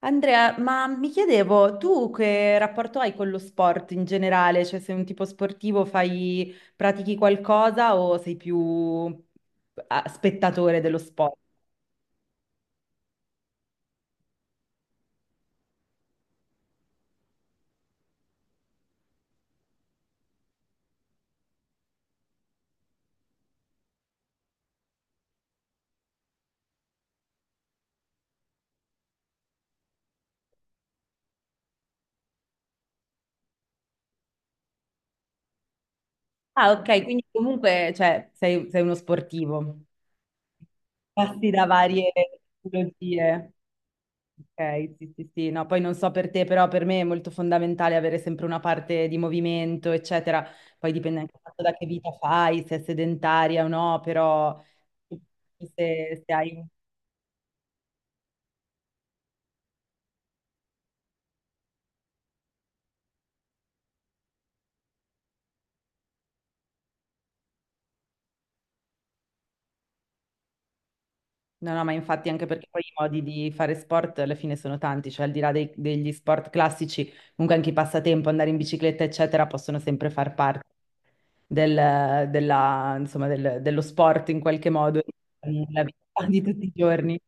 Andrea, ma mi chiedevo, tu che rapporto hai con lo sport in generale? Cioè, sei un tipo sportivo, fai, pratichi qualcosa o sei più ah, spettatore dello sport? Ah, ok, quindi comunque, cioè, sei, sei uno sportivo. Passi da varie tipologie. Okay, sì, sì, sì. No, poi non so per te, però per me è molto fondamentale avere sempre una parte di movimento, eccetera. Poi dipende anche tanto da che vita fai, se è sedentaria o no, però se hai... No, no, ma infatti anche perché poi i modi di fare sport alla fine sono tanti, cioè al di là degli sport classici, comunque anche i passatempo, andare in bicicletta, eccetera, possono sempre far parte insomma, dello sport in qualche modo, della vita di tutti i giorni.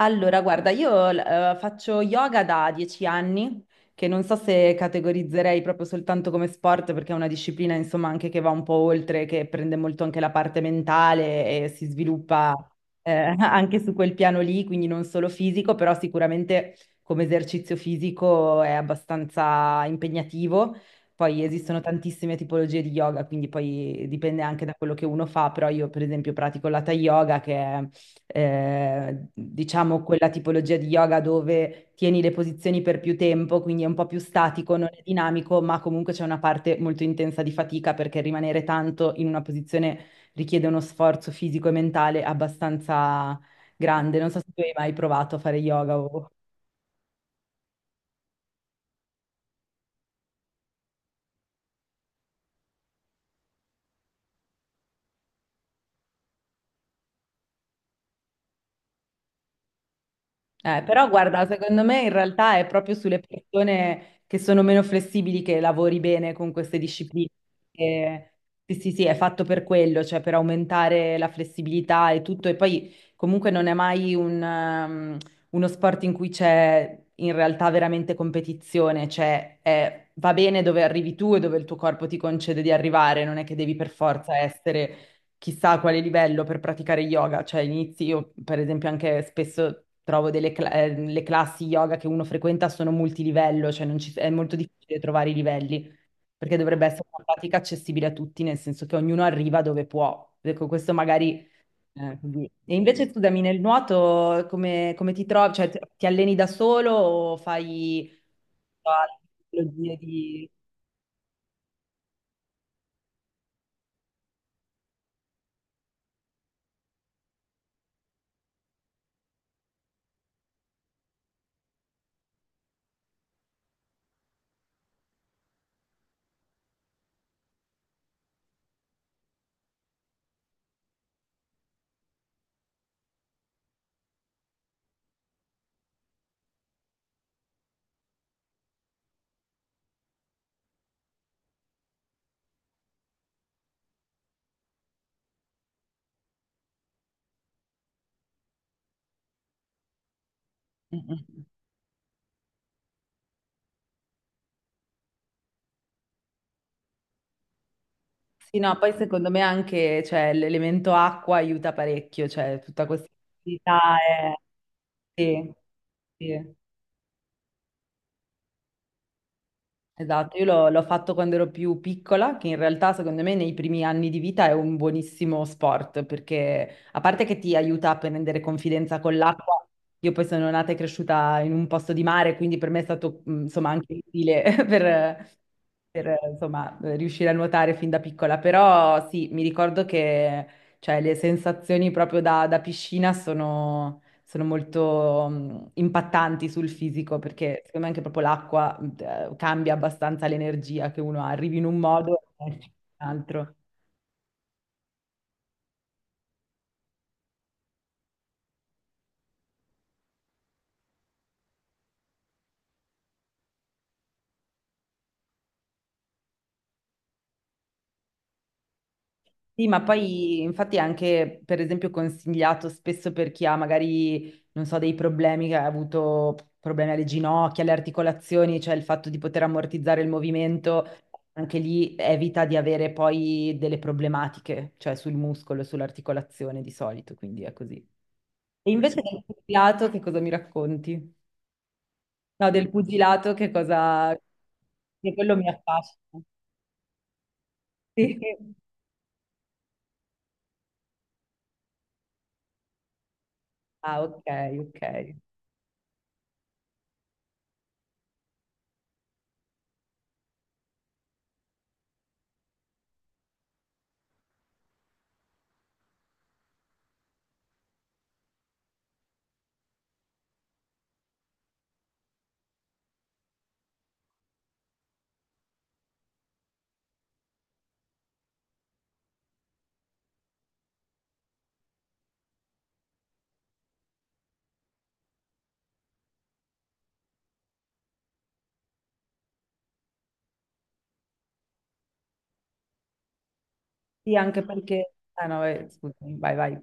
Allora, guarda, io faccio yoga da 10 anni, che non so se categorizzerei proprio soltanto come sport, perché è una disciplina, insomma, anche che va un po' oltre, che prende molto anche la parte mentale e si sviluppa anche su quel piano lì, quindi non solo fisico, però sicuramente come esercizio fisico è abbastanza impegnativo. Poi esistono tantissime tipologie di yoga, quindi poi dipende anche da quello che uno fa, però io per esempio pratico l'hatha yoga, che è diciamo quella tipologia di yoga dove tieni le posizioni per più tempo, quindi è un po' più statico, non è dinamico, ma comunque c'è una parte molto intensa di fatica perché rimanere tanto in una posizione richiede uno sforzo fisico e mentale abbastanza grande. Non so se tu hai mai provato a fare yoga o... però guarda, secondo me in realtà è proprio sulle persone che sono meno flessibili che lavori bene con queste discipline. E- sì, sì, sì, è fatto per quello, cioè per aumentare la flessibilità e tutto. E poi comunque non è mai un, uno sport in cui c'è in realtà veramente competizione, cioè va bene dove arrivi tu e dove il tuo corpo ti concede di arrivare, non è che devi per forza essere chissà a quale livello per praticare yoga, cioè inizi io per esempio anche spesso trovo le classi yoga che uno frequenta sono multilivello, cioè non ci- è molto difficile trovare i livelli, perché dovrebbe essere una pratica accessibile a tutti, nel senso che ognuno arriva dove può. Ecco, questo magari... così. E invece scusami, nel nuoto come, come ti trovi? Cioè ti alleni da solo o fai... tecnologie di... Mm, mm. Mm. Sì, no, poi secondo me anche, cioè, l'elemento acqua aiuta parecchio, cioè tutta questa attività è... Sì, sì. Esatto, io l'ho fatto quando ero più piccola, che in realtà secondo me nei primi anni di vita è un buonissimo sport, perché a parte che ti aiuta a prendere confidenza con l'acqua, io poi sono nata e cresciuta in un posto di mare, quindi per me è stato insomma anche utile per, insomma, riuscire a nuotare fin da piccola, però sì, mi ricordo che cioè, le sensazioni proprio da, da piscina sono sono molto impattanti sul fisico perché secondo me anche proprio l'acqua cambia abbastanza l'energia che uno ha, arrivi in un modo e esci in un altro. Sì, ma poi infatti è anche per esempio consigliato spesso per chi ha magari, non so, dei problemi, che ha avuto problemi alle ginocchia, alle articolazioni, cioè il fatto di poter ammortizzare il movimento, anche lì evita di avere poi delle problematiche, cioè sul muscolo, sull'articolazione di solito, quindi è così. E invece sì, del pugilato che cosa mi racconti? No, del pugilato che cosa... che quello mi affascina. Sì. Ah, ok, ok. Sì, anche perché... Ah no, scusami, vai, vai.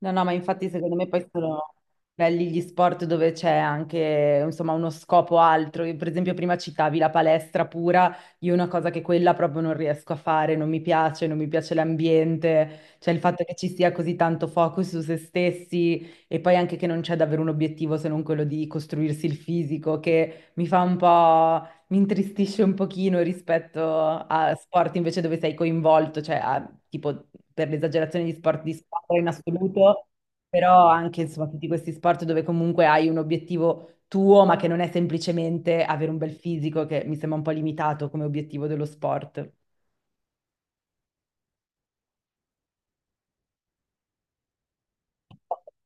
No, no, ma infatti secondo me poi sono belli gli sport dove c'è anche, insomma, uno scopo altro. Io, per esempio, prima citavi la palestra pura, io una cosa che quella proprio non riesco a fare, non mi piace, non mi piace l'ambiente, cioè il fatto che ci sia così tanto focus su se stessi e poi anche che non c'è davvero un obiettivo se non quello di costruirsi il fisico, che mi fa un po'... Mi intristisce un pochino rispetto a sport invece dove sei coinvolto, cioè tipo per l'esagerazione di sport di squadra in assoluto, però anche insomma tutti questi sport dove comunque hai un obiettivo tuo, ma che non è semplicemente avere un bel fisico, che mi sembra un po' limitato come obiettivo dello sport.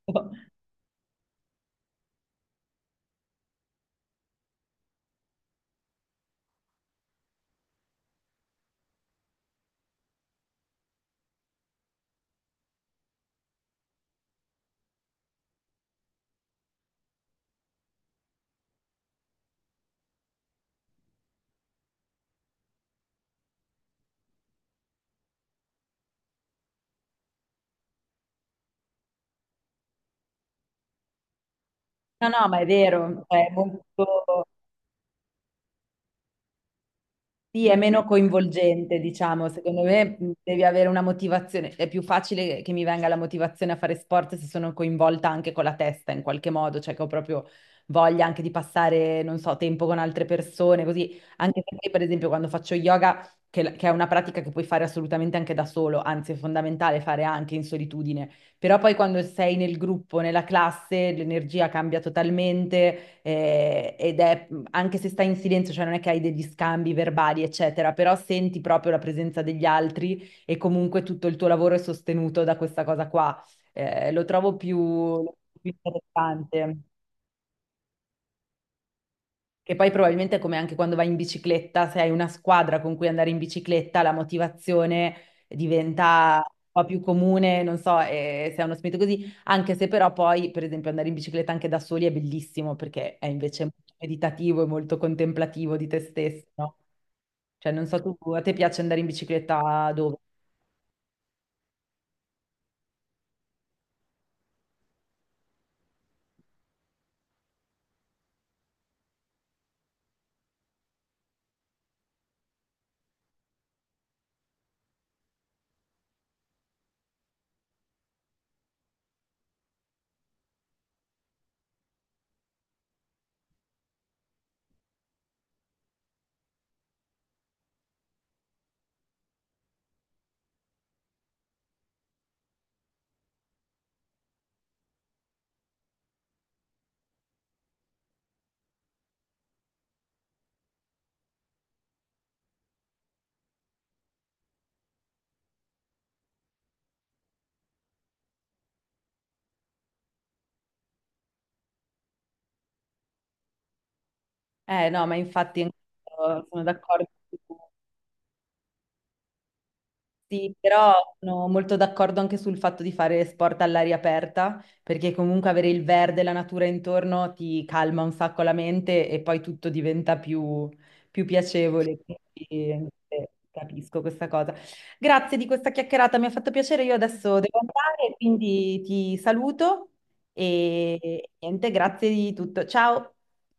No, no, ma è vero, cioè, è molto... Sì, è meno coinvolgente, diciamo, secondo me devi avere una motivazione, è più facile che mi venga la motivazione a fare sport se sono coinvolta anche con la testa in qualche modo, cioè che ho proprio voglia anche di passare, non so, tempo con altre persone, così, anche perché per esempio quando faccio yoga, che è una pratica che puoi fare assolutamente anche da solo, anzi è fondamentale fare anche in solitudine, però poi quando sei nel gruppo, nella classe, l'energia cambia totalmente ed è, anche se stai in silenzio, cioè non è che hai degli scambi verbali, eccetera, però senti proprio la presenza degli altri e comunque tutto il tuo lavoro è sostenuto da questa cosa qua. Lo trovo più, più interessante. Che poi probabilmente è come anche quando vai in bicicletta, se hai una squadra con cui andare in bicicletta, la motivazione diventa un po' più comune, non so, se è uno spirito così, anche se però poi, per esempio, andare in bicicletta anche da soli è bellissimo perché è invece molto meditativo e molto contemplativo di te stesso, no? Cioè, non so tu, a te piace andare in bicicletta dove? Eh no, ma infatti anch'io sono d'accordo. Sì, però sono molto d'accordo anche sul fatto di fare sport all'aria aperta, perché comunque avere il verde, e la natura intorno ti calma un sacco la mente e poi tutto diventa più, più piacevole. Quindi, capisco questa cosa. Grazie di questa chiacchierata, mi ha fatto piacere. Io adesso devo andare, quindi ti saluto e niente, grazie di tutto. Ciao.